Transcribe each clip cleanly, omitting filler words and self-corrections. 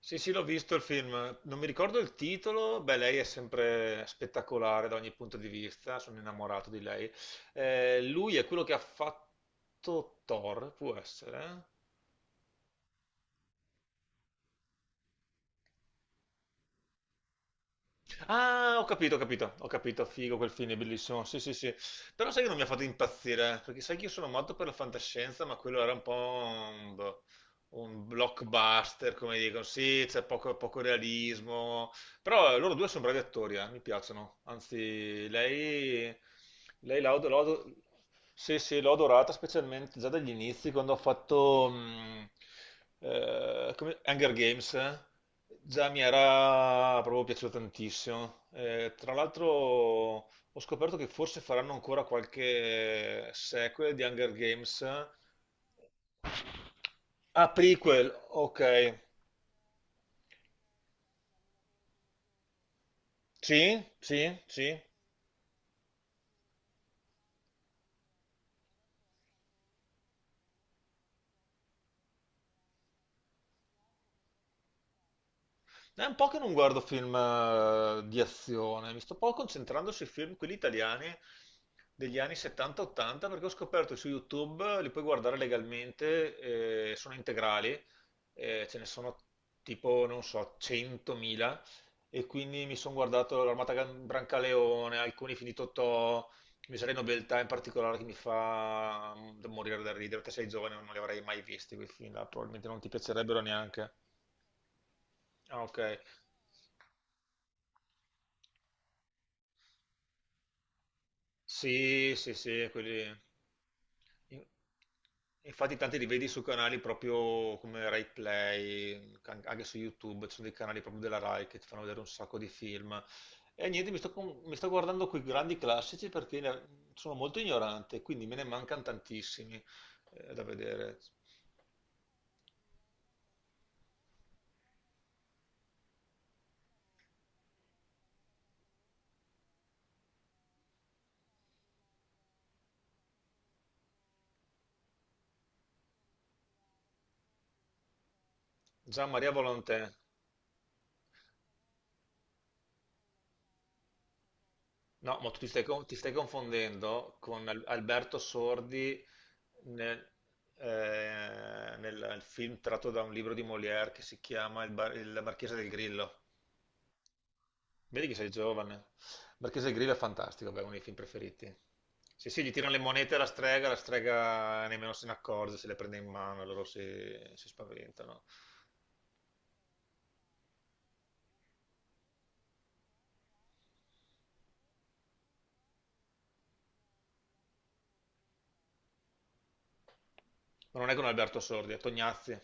Sì, sì, l'ho visto il film, non mi ricordo il titolo, beh, lei è sempre spettacolare da ogni punto di vista, sono innamorato di lei. Lui è quello che ha fatto Thor, può essere? Ah, ho capito, ho capito, ho capito, figo quel film, è bellissimo, sì, sì, sì. Però sai che non mi ha fatto impazzire, perché sai che io sono matto per la fantascienza, ma quello era un po' un, boh, un blockbuster, come dicono, sì, c'è poco, poco realismo. Però loro due sono bravi attori, mi piacciono. Anzi, lei, lei l'ho l'ho- l'ho- sì, sì, l'ho adorata specialmente già dagli inizi, quando ha fatto Hunger Games, eh. Già mi era proprio piaciuto tantissimo. Tra l'altro ho scoperto che forse faranno ancora qualche sequel di Hunger Games. Ah, prequel, ok. Sì, sì, sì. È un po' che non guardo film di azione, mi sto un po' concentrando sui film, quelli italiani degli anni 70-80, perché ho scoperto su YouTube, li puoi guardare legalmente, sono integrali, ce ne sono tipo, non so, 100.000, e quindi mi sono guardato l'Armata Brancaleone, alcuni finito Totò, Miseria e Nobiltà in particolare che mi fa morire da ridere, te sei giovane, non li avrei mai visti quei film là, probabilmente non ti piacerebbero neanche. Ah, ok. Sì, sì, sì. In- Infatti tanti li vedi su canali proprio come Rai Play, anche su YouTube, ci sono dei canali proprio della Rai che ti fanno vedere un sacco di film. E niente, mi sto guardando quei grandi classici perché sono molto ignorante, quindi me ne mancano tantissimi da vedere. Gian Maria Volonté. No, ma tu ti stai confondendo con Alberto Sordi nel, nel film tratto da un libro di Molière che si chiama Il Marchese del Grillo. Vedi che sei giovane. Il Marchese del Grillo è fantastico, beh, è uno dei film preferiti. Sì, sì, gli tirano le monete alla strega, la strega nemmeno se ne accorge, se le prende in mano, loro si spaventano. Ma non è con Alberto Sordi, è Tognazzi.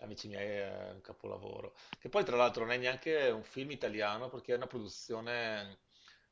Amici miei è un capolavoro. Che poi, tra l'altro, non è neanche un film italiano perché è una produzione,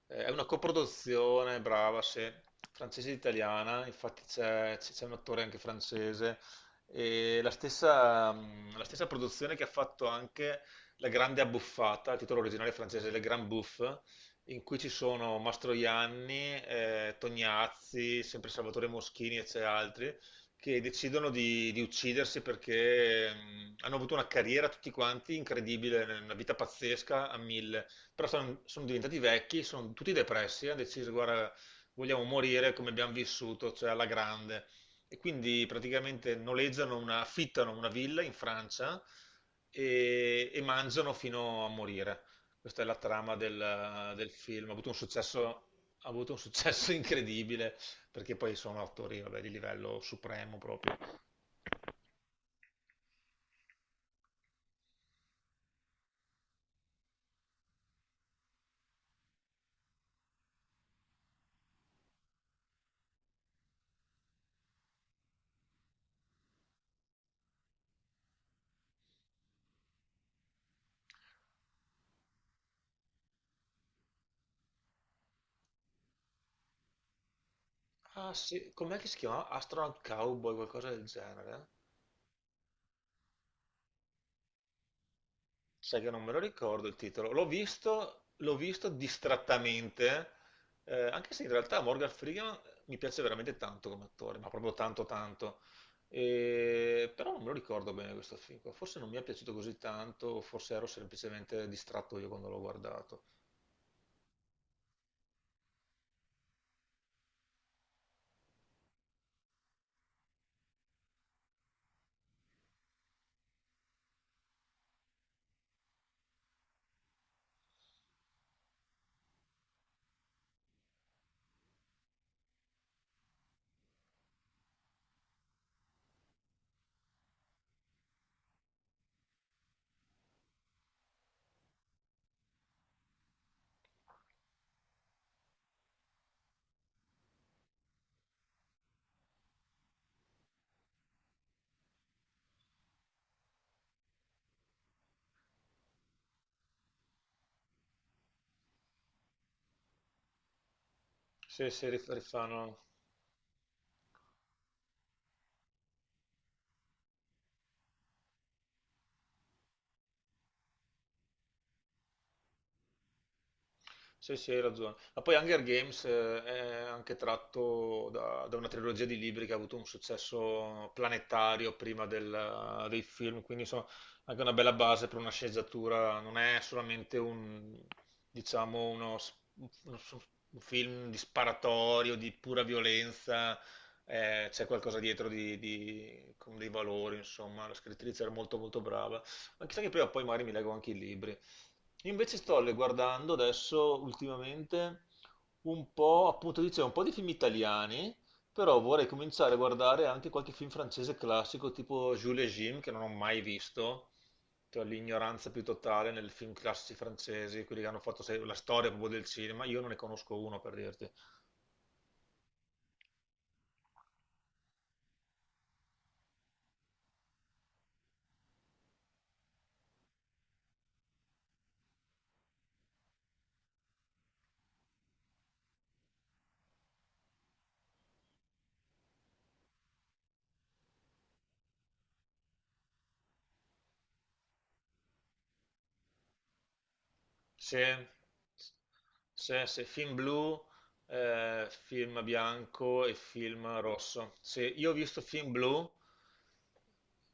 eh, è una coproduzione, brava, se francese e italiana. Infatti, c'è un attore anche francese. E la stessa produzione che ha fatto anche La Grande Abbuffata, il titolo originale francese, Le Grand Bouffe, in cui ci sono Mastroianni, Tognazzi, sempre Salvatore Moschini e c'è altri che decidono di uccidersi perché hanno avuto una carriera tutti quanti incredibile, una vita pazzesca a mille, però sono diventati vecchi, sono tutti depressi, hanno deciso, guarda, vogliamo morire come abbiamo vissuto, cioè alla grande. E quindi praticamente affittano una villa in Francia e mangiano fino a morire. Questa è la trama del film. Ha avuto un successo incredibile perché poi sono attori, vabbè, di livello supremo proprio. Ah sì, com'è che si chiama? Astronaut Cowboy, qualcosa del genere? Sai che non me lo ricordo il titolo. L'ho visto distrattamente, anche se in realtà Morgan Freeman mi piace veramente tanto come attore, ma proprio tanto tanto. Però non me lo ricordo bene questo film qua. Forse non mi è piaciuto così tanto, o forse ero semplicemente distratto io quando l'ho guardato. Se rifanno. Sì, sì, hai ragione. Ma poi Hunger Games è anche tratto da una trilogia di libri che ha avuto un successo planetario prima dei film, quindi insomma anche una bella base per una sceneggiatura, non è solamente un, diciamo, uno s- un film di sparatorio, di pura violenza, c'è qualcosa dietro con dei valori, insomma, la scrittrice era molto molto brava. Ma chissà che prima o poi magari mi leggo anche i libri. Invece sto le guardando adesso ultimamente un po', appunto dicevo, un po' di film italiani, però vorrei cominciare a guardare anche qualche film francese classico tipo Jules et Jim che non ho mai visto, cioè l'ignoranza più totale nel film classici francesi, quelli che hanno fatto la storia proprio del cinema, io non ne conosco uno per dirti. Sì, sì, sì, film blu, film bianco e film rosso. Sì, io ho visto film blu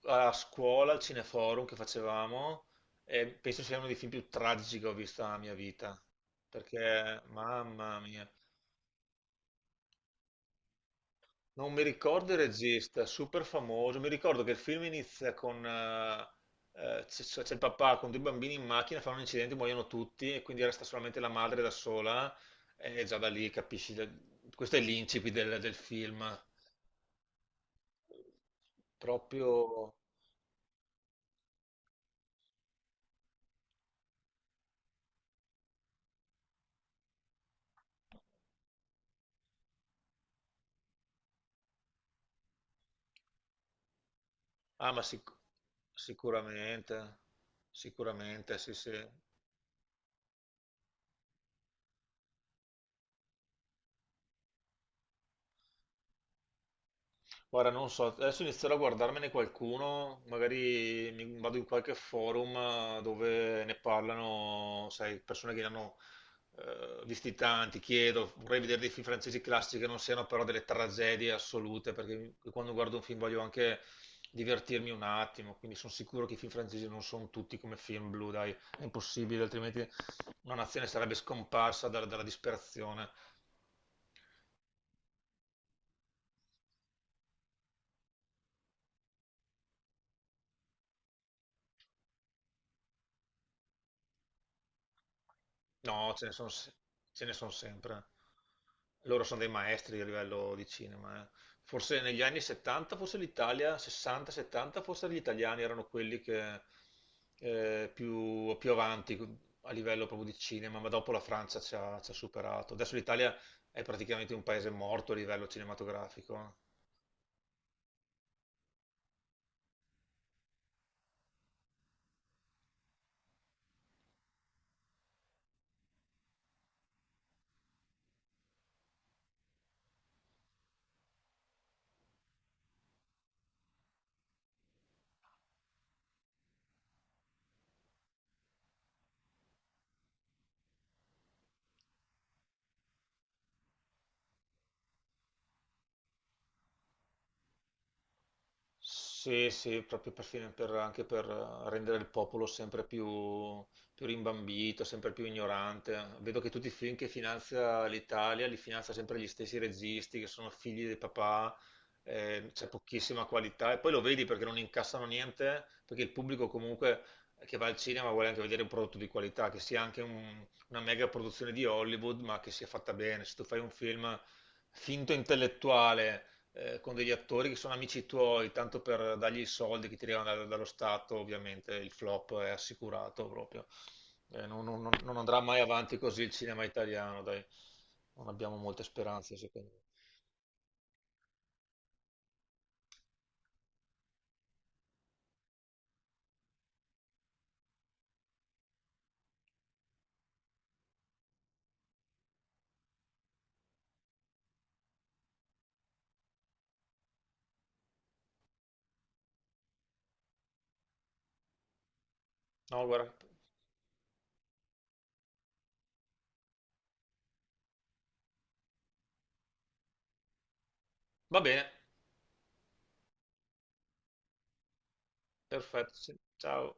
a scuola, al Cineforum che facevamo, e penso sia uno dei film più tragici che ho visto nella mia vita, perché, mamma mia. Non mi ricordo il regista, super famoso. Mi ricordo che il film inizia con c'è il papà con due bambini in macchina, fanno un incidente, muoiono tutti e quindi resta solamente la madre da sola e già da lì capisci. Questo è l'incipit del film. Proprio. Ah, ma sicuramente, sicuramente, sì, sì. Guarda, non so, adesso inizierò a guardarmene qualcuno, magari mi vado in qualche forum dove ne parlano, sai, persone che ne hanno visti tanti, chiedo, vorrei vedere dei film francesi classici che non siano però delle tragedie assolute, perché quando guardo un film voglio anche divertirmi un attimo, quindi sono sicuro che i film francesi non sono tutti come film blu, dai, è impossibile, altrimenti una nazione sarebbe scomparsa dalla disperazione. No, ce ne son sempre. Loro sono dei maestri a livello di cinema. Forse negli anni 70, forse l'Italia, 60-70, forse gli italiani erano quelli che più, più avanti a livello proprio di cinema, ma dopo la Francia ci ha superato. Adesso l'Italia è praticamente un paese morto a livello cinematografico. Sì, sì, proprio anche per rendere il popolo sempre più rimbambito, sempre più ignorante. Vedo che tutti i film che finanzia l'Italia li finanzia sempre gli stessi registi che sono figli dei papà, c'è pochissima qualità e poi lo vedi perché non incassano niente, perché il pubblico comunque che va al cinema vuole anche vedere un prodotto di qualità, che sia anche una mega produzione di Hollywood, ma che sia fatta bene. Se tu fai un film finto intellettuale con degli attori che sono amici tuoi, tanto per dargli i soldi che ti arrivano dallo Stato, ovviamente il flop è assicurato proprio. Non andrà mai avanti così il cinema italiano, dai. Non abbiamo molte speranze, secondo me. No, guarda. Va bene, perfetto. Sì. Ciao.